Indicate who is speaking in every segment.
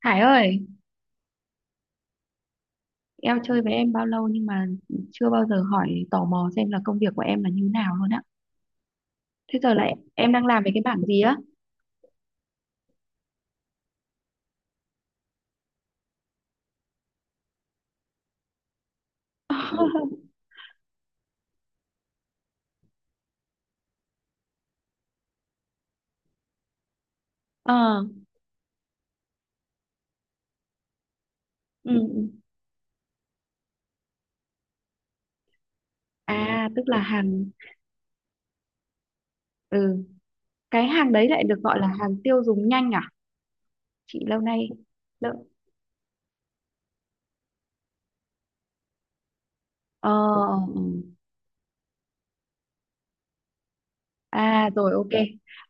Speaker 1: Hải ơi, em chơi với em bao lâu nhưng mà chưa bao giờ hỏi tò mò xem là công việc của em là như nào luôn á. Thế giờ lại em đang làm về cái bảng gì á? Ờ, ừ. Ừ. À, tức là hàng, ừ, cái hàng đấy lại được gọi là hàng tiêu dùng nhanh à? Chị lâu nay, lâu, ờ, Ừ. À rồi, ok.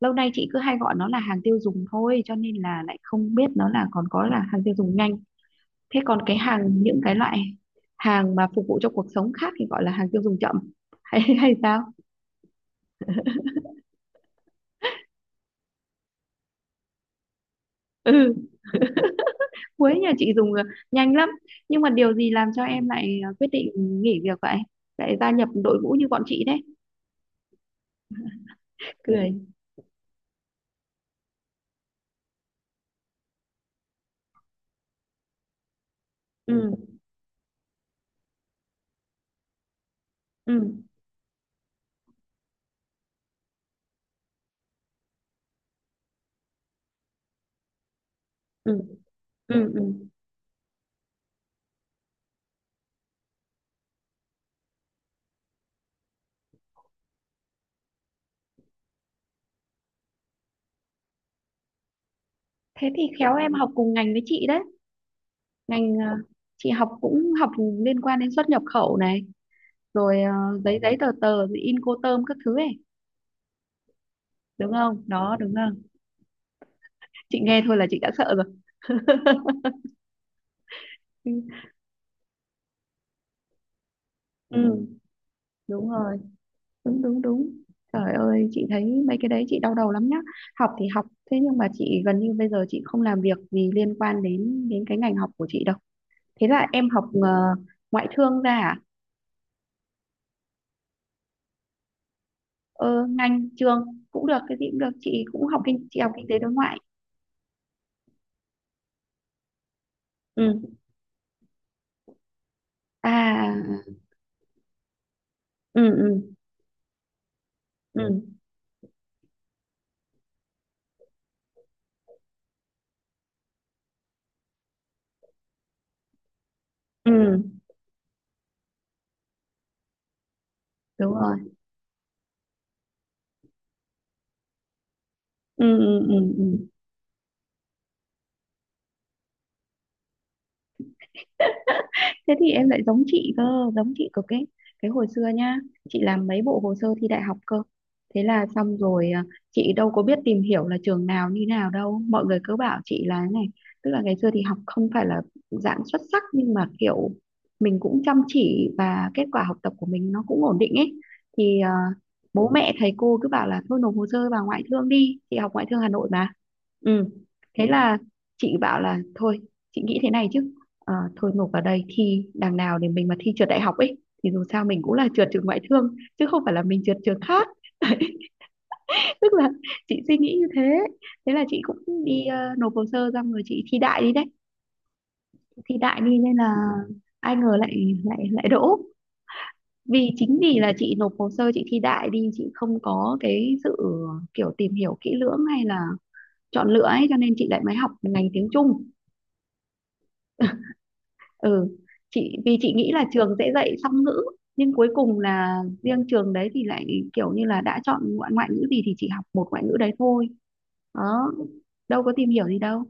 Speaker 1: Lâu nay chị cứ hay gọi nó là hàng tiêu dùng thôi, cho nên là lại không biết nó là còn có là hàng tiêu dùng nhanh. Thế còn cái hàng những cái loại hàng mà phục vụ cho cuộc sống khác thì gọi là hàng tiêu dùng chậm, hay hay sao? Ừ, Quế nhà chị dùng nhanh lắm. Nhưng mà điều gì làm cho em lại quyết định nghỉ việc vậy? Lại gia nhập đội ngũ như bọn chị đấy. Cười. Ừ, ừ, ừ, ừ, ừ. Thế thì khéo em học cùng ngành với chị đấy. Ngành, chị học cũng học liên quan đến xuất nhập khẩu này, rồi giấy giấy tờ tờ, rồi in cô tơm các thứ ấy, đúng không? Đó, đúng không? Chị nghe thôi là chị đã sợ rồi. Ừ, ừ, đúng rồi, đúng đúng đúng. Trời ơi, chị thấy mấy cái đấy chị đau đầu lắm nhá. Học thì học, thế nhưng mà chị gần như bây giờ chị không làm việc gì liên quan đến đến cái ngành học của chị đâu. Thế là em học ngoại thương ra à? Ờ, ngành trường cũng được, cái gì cũng được. Chị cũng học kinh tế đối ngoại. Ừ. À, ừ, ừ, ừ, ừ, đúng rồi. Ừ, ừ, ừ. Ừ. Thế thì em lại giống chị cơ, giống chị cực ấy. Cái hồi xưa nhá, chị làm mấy bộ hồ sơ thi đại học cơ. Thế là xong rồi, à, chị đâu có biết tìm hiểu là trường nào như nào đâu, mọi người cứ bảo chị là thế này. Tức là ngày xưa thì học không phải là dạng xuất sắc, nhưng mà kiểu mình cũng chăm chỉ và kết quả học tập của mình nó cũng ổn định ấy. Thì à, bố mẹ thầy cô cứ bảo là thôi nộp hồ sơ vào ngoại thương đi, chị học ngoại thương Hà Nội mà. Ừ, thế là chị bảo là thôi, chị nghĩ thế này chứ. Ờ, thôi nộp vào đây thi đằng nào, để mình mà thi trượt đại học ấy thì dù sao mình cũng là trượt trường ngoại thương chứ không phải là mình trượt trường khác. Đấy, tức là chị suy nghĩ như thế. Thế là chị cũng đi nộp hồ sơ xong rồi chị thi đại đi đấy. Thi đại đi nên là ai ngờ lại lại lại đỗ. Vì chính vì là chị nộp hồ sơ chị thi đại đi, chị không có cái sự kiểu tìm hiểu kỹ lưỡng hay là chọn lựa ấy cho nên chị lại mới học ngành tiếng Trung. Ừ, chị vì chị nghĩ là trường sẽ dạy song ngữ, nhưng cuối cùng là riêng trường đấy thì lại kiểu như là đã chọn ngoại ngoại ngữ gì thì chị học một ngoại ngữ đấy thôi. Đó, đâu có tìm hiểu gì đâu.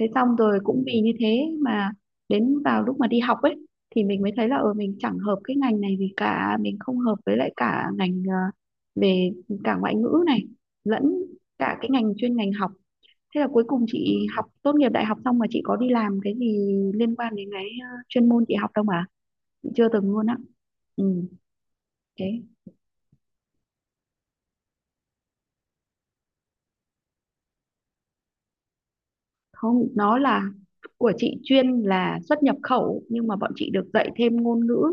Speaker 1: Thế xong rồi cũng vì như thế mà đến vào lúc mà đi học ấy thì mình mới thấy là mình chẳng hợp cái ngành này gì cả, mình không hợp với lại cả ngành, về cả ngoại ngữ này lẫn cả cái ngành chuyên ngành học. Thế là cuối cùng chị học tốt nghiệp đại học xong mà chị có đi làm cái gì liên quan đến cái chuyên môn chị học đâu mà chị chưa từng luôn á. Ừ, thế không, nó là của chị chuyên là xuất nhập khẩu, nhưng mà bọn chị được dạy thêm ngôn ngữ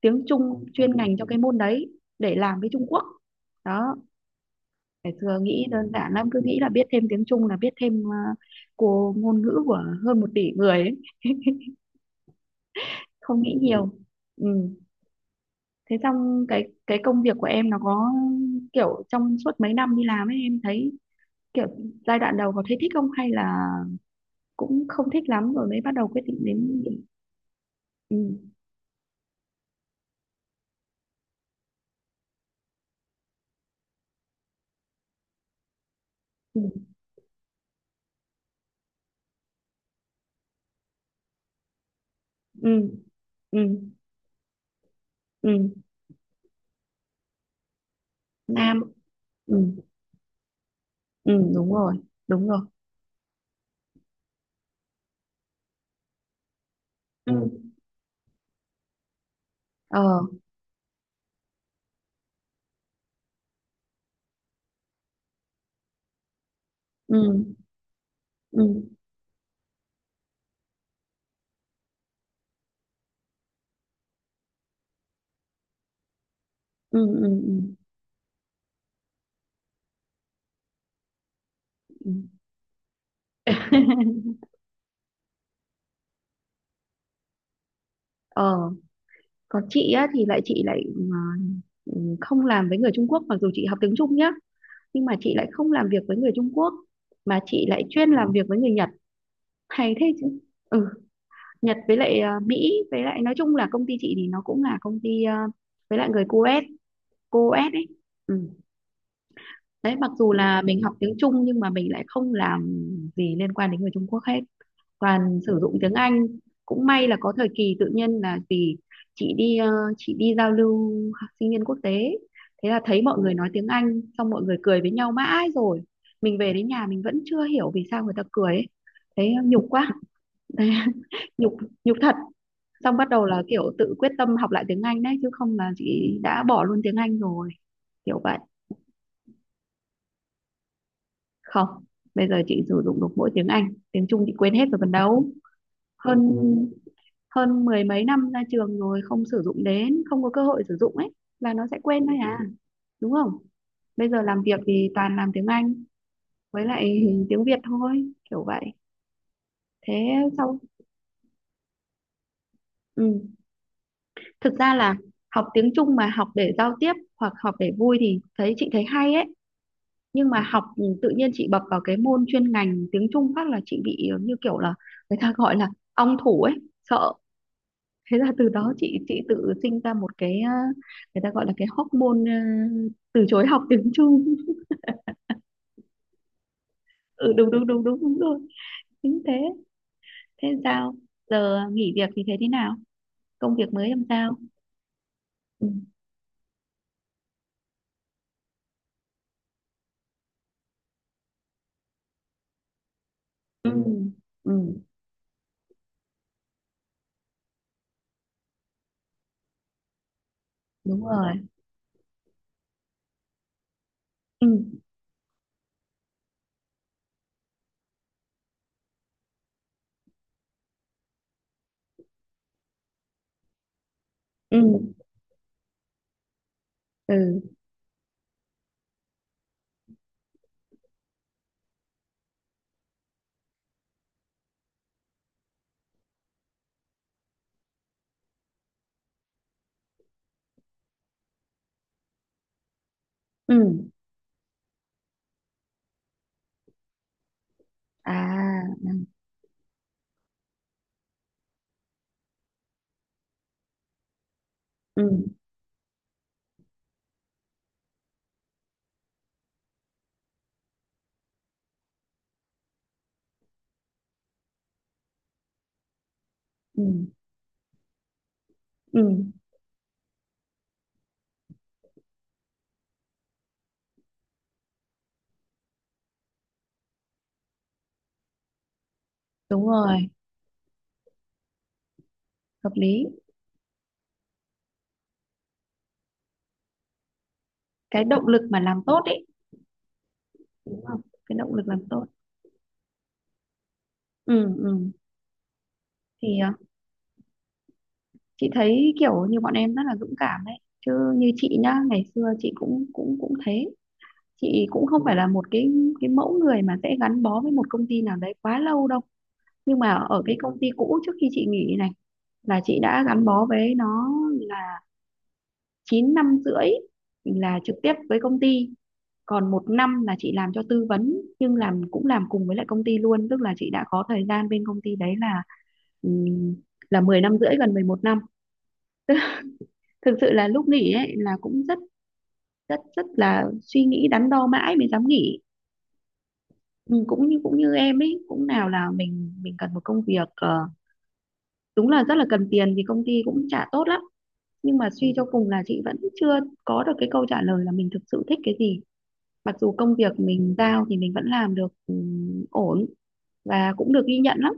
Speaker 1: tiếng Trung chuyên ngành cho cái môn đấy để làm với Trung Quốc. Đó, ngày xưa nghĩ đơn giản lắm, cứ nghĩ là biết thêm tiếng Trung là biết thêm của ngôn ngữ của hơn 1 tỷ người ấy. Không nghĩ nhiều. Ừ. Thế xong cái công việc của em nó có kiểu trong suốt mấy năm đi làm ấy em thấy kiểu giai đoạn đầu có thấy thích không hay là cũng không thích lắm rồi mới bắt đầu quyết định đến nghỉ? Ừ, ừ, ừ, ừ, ừ. Nam. Ừ, ừ, đúng rồi, đúng rồi, ừ, ờ, ừ, ừ, ừ, ừ, ừ, ừ. Ờ, còn chị á thì lại, không làm với người Trung Quốc, mặc dù chị học tiếng Trung nhá, nhưng mà chị lại không làm việc với người Trung Quốc mà chị lại chuyên làm việc với người Nhật, hay thế chứ. Ừ, Nhật với lại, à, Mỹ, với lại nói chung là công ty chị thì nó cũng là công ty, à, với lại người Coes, Coes ấy. Ừ. Đấy, mặc dù là mình học tiếng Trung nhưng mà mình lại không làm gì liên quan đến người Trung Quốc hết, toàn sử dụng tiếng Anh. Cũng may là có thời kỳ tự nhiên là vì chị đi ờ, chị đi giao lưu học sinh viên quốc tế, thế là thấy mọi người nói tiếng Anh xong mọi người cười với nhau mãi rồi mình về đến nhà mình vẫn chưa hiểu vì sao người ta cười ấy. Thế nhục quá. Thế nhục nhục thật. Xong bắt đầu là kiểu tự quyết tâm học lại tiếng Anh đấy, chứ không là chị đã bỏ luôn tiếng Anh rồi, kiểu vậy. Không, bây giờ chị sử dụng được mỗi tiếng Anh, tiếng Trung chị quên hết rồi còn đâu. Hơn hơn mười mấy năm ra trường rồi không sử dụng đến, không có cơ hội sử dụng ấy là nó sẽ quên thôi à, đúng không? Bây giờ làm việc thì toàn làm tiếng Anh với lại tiếng Việt thôi, kiểu vậy. Thế sau. Ừ, thực ra là học tiếng Trung mà học để giao tiếp hoặc học để vui thì chị thấy hay ấy, nhưng mà học tự nhiên chị bập vào cái môn chuyên ngành tiếng Trung phát là chị bị như kiểu là người ta gọi là ong thủ ấy, sợ. Thế là từ đó chị tự sinh ra một cái, người ta gọi là cái hormone, từ chối học tiếng Trung. Ừ, đúng đúng đúng đúng đúng rồi, chính thế. Thế sao, giờ nghỉ việc thì thế thế nào, công việc mới làm sao? Ừ, ừ, ừ, đúng rồi. Ừ, ừ, ừ, ừ. À, ừ, ừ, ừ, đúng rồi. Hợp lý. Cái động lực mà làm tốt ấy. Đúng không? Cái động lực làm tốt. Ừ, ừ. Thì chị thấy kiểu như bọn em rất là dũng cảm đấy, chứ như chị nhá, ngày xưa chị cũng cũng cũng thế. Chị cũng không phải là một cái mẫu người mà sẽ gắn bó với một công ty nào đấy quá lâu đâu. Nhưng mà ở cái công ty cũ trước khi chị nghỉ này là chị đã gắn bó với nó là 9 năm rưỡi, là trực tiếp với công ty. Còn 1 năm là chị làm cho tư vấn, nhưng làm cũng làm cùng với lại công ty luôn, tức là chị đã có thời gian bên công ty đấy ừm, là 10 năm rưỡi, gần 11 năm. Thực sự là lúc nghỉ ấy là cũng rất rất rất là suy nghĩ, đắn đo mãi mới dám nghỉ. Ừ, cũng như em ấy cũng, nào là mình cần một công việc, đúng là rất là cần tiền thì công ty cũng trả tốt lắm. Nhưng mà suy cho cùng là chị vẫn chưa có được cái câu trả lời là mình thực sự thích cái gì, mặc dù công việc mình giao thì mình vẫn làm được ổn và cũng được ghi nhận lắm.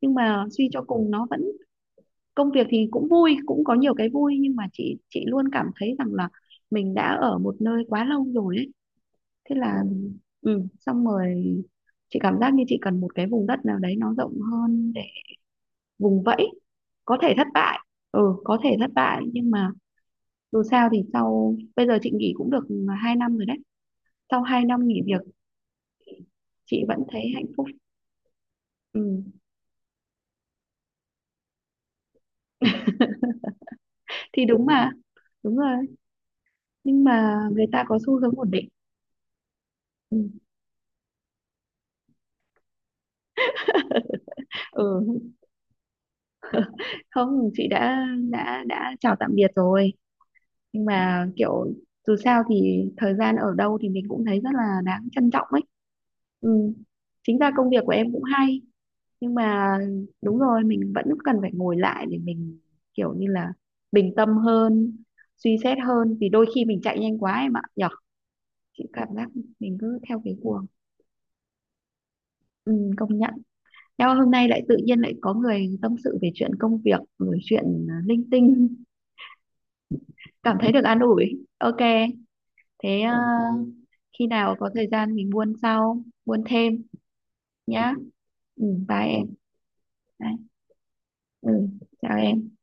Speaker 1: Nhưng mà suy cho cùng nó vẫn, công việc thì cũng vui, cũng có nhiều cái vui, nhưng mà chị luôn cảm thấy rằng là mình đã ở một nơi quá lâu rồi ấy. Thế là xong rồi chị cảm giác như chị cần một cái vùng đất nào đấy nó rộng hơn để vùng vẫy, có thể thất bại. Ừ, có thể thất bại, nhưng mà dù sao thì sau bây giờ chị nghỉ cũng được 2 năm rồi đấy, sau 2 năm nghỉ việc chị vẫn thấy hạnh phúc. Ừ. Thì đúng mà. Đúng rồi. Nhưng mà người ta có xu hướng ổn định. Ừ. Ừ. Không, chị đã chào tạm biệt rồi. Nhưng mà kiểu dù sao thì thời gian ở đâu thì mình cũng thấy rất là đáng trân trọng ấy. Ừ. Chính ra công việc của em cũng hay, nhưng mà đúng rồi, mình vẫn cần phải ngồi lại để mình kiểu như là bình tâm hơn, suy xét hơn vì đôi khi mình chạy nhanh quá em ạ, nhở. Chị cảm giác mình cứ theo cái cuồng. Ừ, công nhận. Nhau hôm nay lại tự nhiên lại có người tâm sự về chuyện công việc rồi chuyện linh tinh, cảm thấy được an ủi, ok. Thế khi nào có thời gian mình buôn sau buôn thêm nhá. Ừ, bye em. Bye. Ừ, chào em.